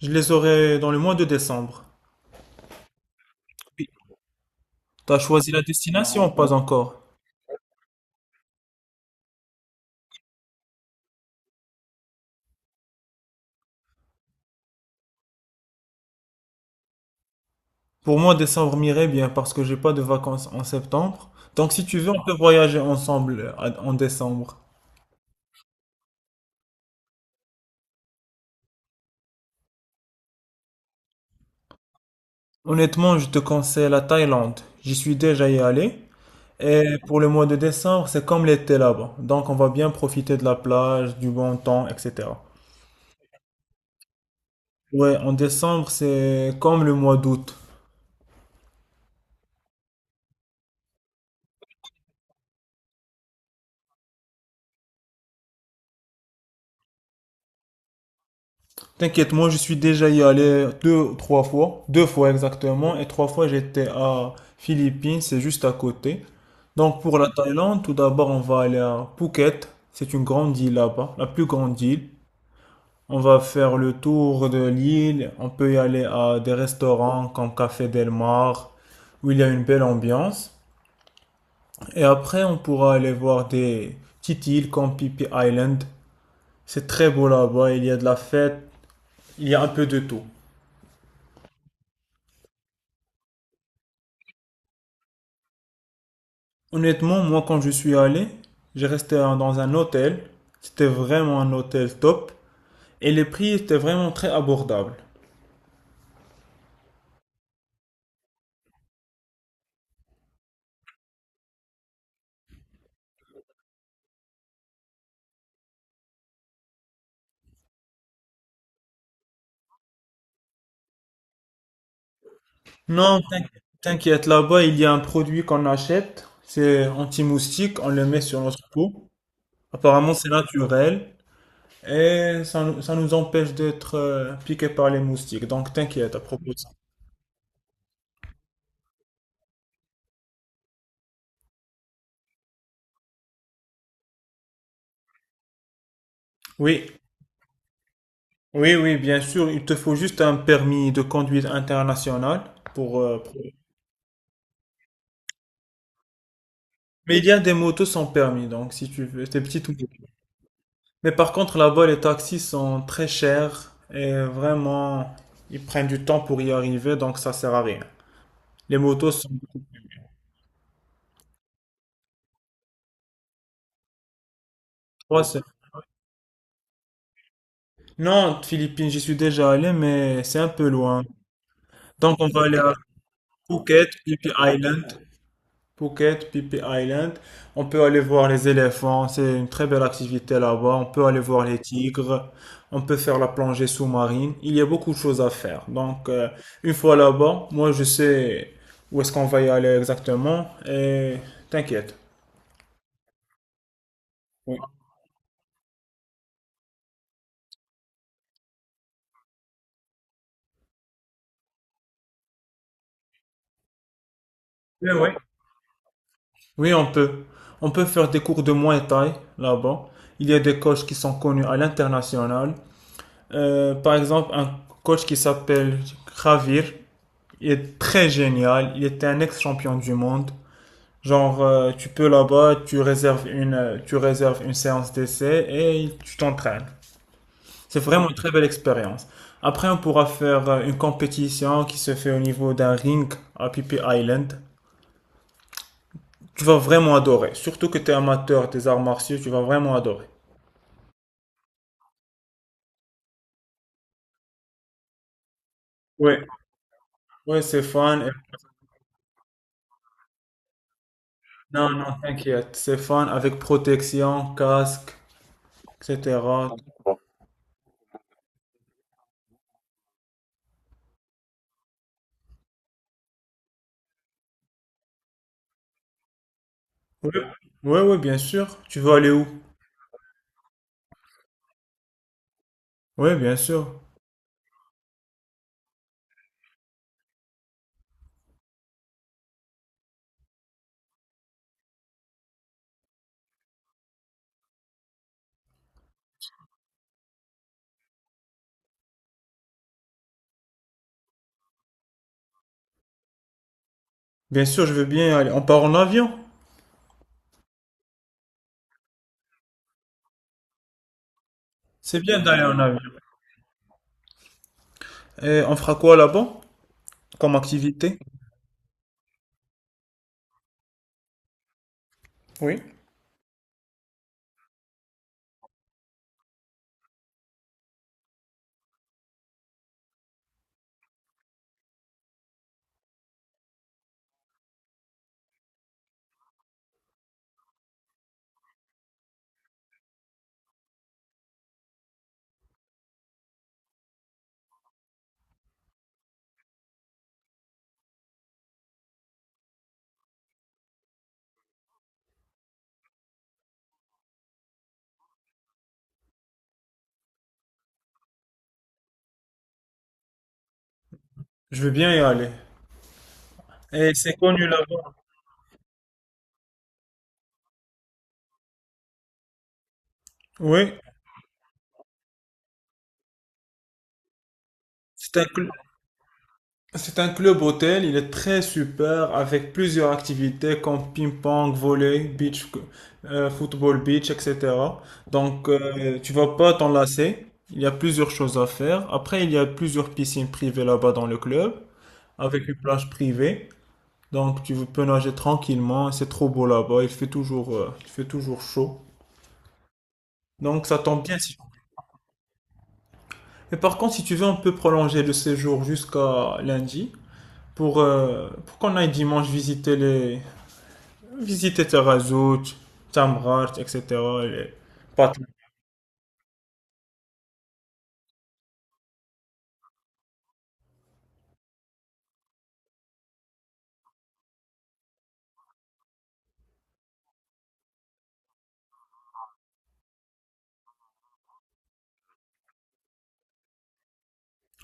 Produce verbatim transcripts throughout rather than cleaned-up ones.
Je les aurai dans le mois de décembre. Oui. T'as choisi la destination, pas encore. Pour moi, décembre m'irait bien parce que j'ai pas de vacances en septembre. Donc si tu veux, on peut voyager ensemble euh, en décembre. Honnêtement, je te conseille la Thaïlande. J'y suis déjà y allé. Et pour le mois de décembre, c'est comme l'été là-bas. Donc on va bien profiter de la plage, du bon temps, et cetera. Ouais, en décembre, c'est comme le mois d'août. T'inquiète, moi je suis déjà y allé deux, trois fois, deux fois exactement, et trois fois j'étais à Philippines, c'est juste à côté. Donc pour la Thaïlande, tout d'abord on va aller à Phuket, c'est une grande île là-bas, la plus grande île. On va faire le tour de l'île, on peut y aller à des restaurants comme Café Del Mar, où il y a une belle ambiance. Et après on pourra aller voir des petites îles comme Phi Phi Island, c'est très beau là-bas, il y a de la fête, il y a un peu de tout. Honnêtement, moi, quand je suis allé, j'ai resté dans un hôtel. C'était vraiment un hôtel top. Et les prix étaient vraiment très abordables. Non, t'inqui- t'inquiète, là-bas, il y a un produit qu'on achète. C'est anti-moustique. On le met sur notre peau. Apparemment, c'est naturel. Et ça, nous- ça nous empêche d'être euh, piqués par les moustiques. Donc, t'inquiète à propos de ça. Oui, oui, oui, bien sûr. Il te faut juste un permis de conduite international pour, euh, pour- Mais il y a des motos sans permis, donc si tu veux, des petites motos. Mais par contre, là-bas, les taxis sont très chers et vraiment, ils prennent du temps pour y arriver, donc ça sert à rien. Les motos sont beaucoup plus- Trois semaines. Non, Philippines, j'y suis déjà allé, mais c'est un peu loin. Donc on va aller à Phuket, Phi Phi Island. Phuket, Phi Phi Island. On peut aller voir les éléphants, c'est une très belle activité là-bas. On peut aller voir les tigres, on peut faire la plongée sous-marine. Il y a beaucoup de choses à faire. Donc, euh, une fois là-bas, moi je sais où est-ce qu'on va y aller exactement et t'inquiète. Oui. Oui, oui. Oui, on peut. On peut faire des cours de Muay Thai là-bas. Il y a des coachs qui sont connus à l'international. Euh, par exemple, un coach qui s'appelle Khavir. Il est très génial. Il était un ex-champion du monde. Genre, euh, tu peux là-bas, tu réserves une, euh, tu réserves une séance d'essai et tu t'entraînes. C'est vraiment une très belle expérience. Après, on pourra faire euh, une compétition qui se fait au niveau d'un ring à Pipi Island. Tu vas vraiment adorer. Surtout que tu es amateur des arts martiaux, tu vas vraiment adorer. Oui, oui, c'est fun. Et- Non, non, t'inquiète. C'est fun avec protection, casque, et cetera. Oui, oui, oui, bien sûr. Tu veux aller où? Oui, bien sûr. Bien sûr, je veux bien aller. On part en avion. C'est bien d'aller en avion. Et on fera quoi là-bas comme activité? Oui. Je veux bien y aller. Et c'est connu là-bas. Oui. C'est un club, c'est un club hôtel. Il est très super avec plusieurs activités comme ping-pong, volley, beach, euh, football beach, et cetera. Donc, euh, tu vas pas t'enlacer. Il y a plusieurs choses à faire. Après, il y a plusieurs piscines privées là-bas dans le club avec une plage privée. Donc tu peux nager tranquillement, c'est trop beau là-bas, il fait toujours, euh, il fait toujours chaud. Donc ça tombe bien si. Mais par contre, si tu veux, on peut prolonger le séjour jusqu'à lundi pour, euh, pour qu'on aille dimanche visiter les visiter Terazout, Tamrat, et cetera les patrons.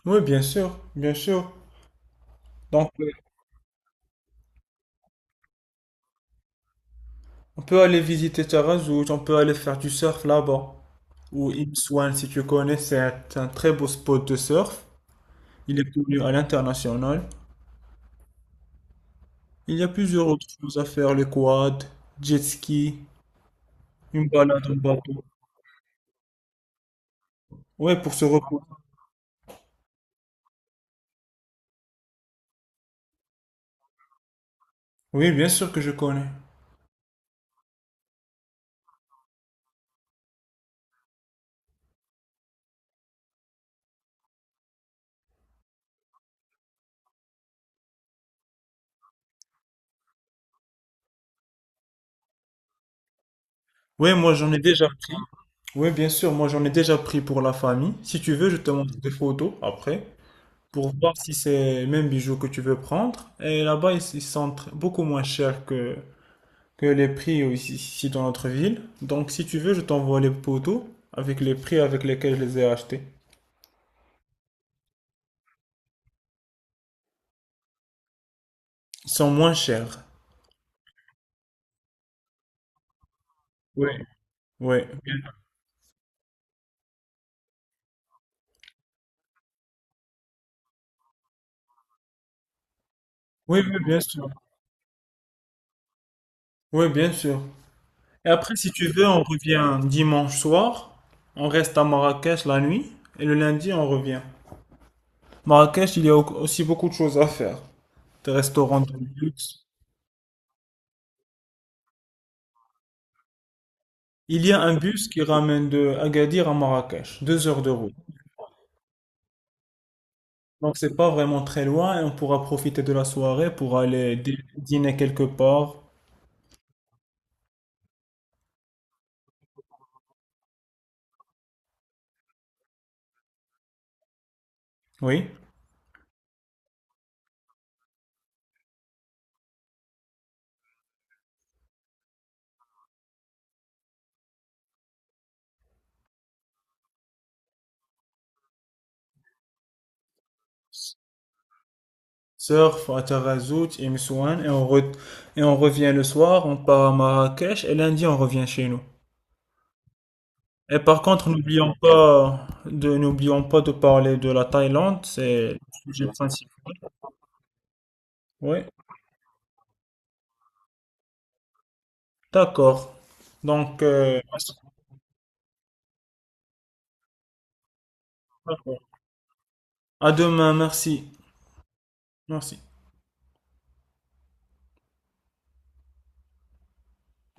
Oui, bien sûr, bien sûr. Donc euh, on peut aller visiter Terazout, on peut aller faire du surf là-bas. Ou Imswan, si tu connais, c'est un un très beau spot de surf. Il est connu à l'international. Il y a plusieurs autres choses à faire, les quads, jet ski, une balade en bateau. Ouais, pour se reposer. Oui, bien sûr que je connais. Oui, moi j'en ai déjà pris. Oui, bien sûr, moi j'en ai déjà pris pour la famille. Si tu veux, je te montre des photos après pour voir si c'est le même bijoux que tu veux prendre. Et là-bas, ils ils sont tr- beaucoup moins chers que, que les prix ici, ici dans notre ville. Donc si tu veux, je t'envoie les photos avec les prix avec lesquels je les ai achetés. Ils sont moins chers. Oui, oui, bien- oui, oui, bien sûr. Oui, bien sûr. Et après, si tu veux, on revient dimanche soir. On reste à Marrakech la nuit. Et le lundi, on revient. Marrakech, il y a au- aussi beaucoup de choses à faire. Des restaurants de luxe. Il y a un bus qui ramène de Agadir à Marrakech. Deux heures de route. Donc, c'est pas vraiment très loin et on pourra profiter de la soirée pour aller dî- dîner quelque part. Oui. Surf à Tarazout et Messouane. Et on, re- et on revient le soir. On part à Marrakech et lundi, on revient chez nous. Et par contre, n'oublions pas de, n'oublions pas de parler de la Thaïlande, c'est le sujet principal. Oui, d'accord. Donc, euh, à demain, merci. Merci.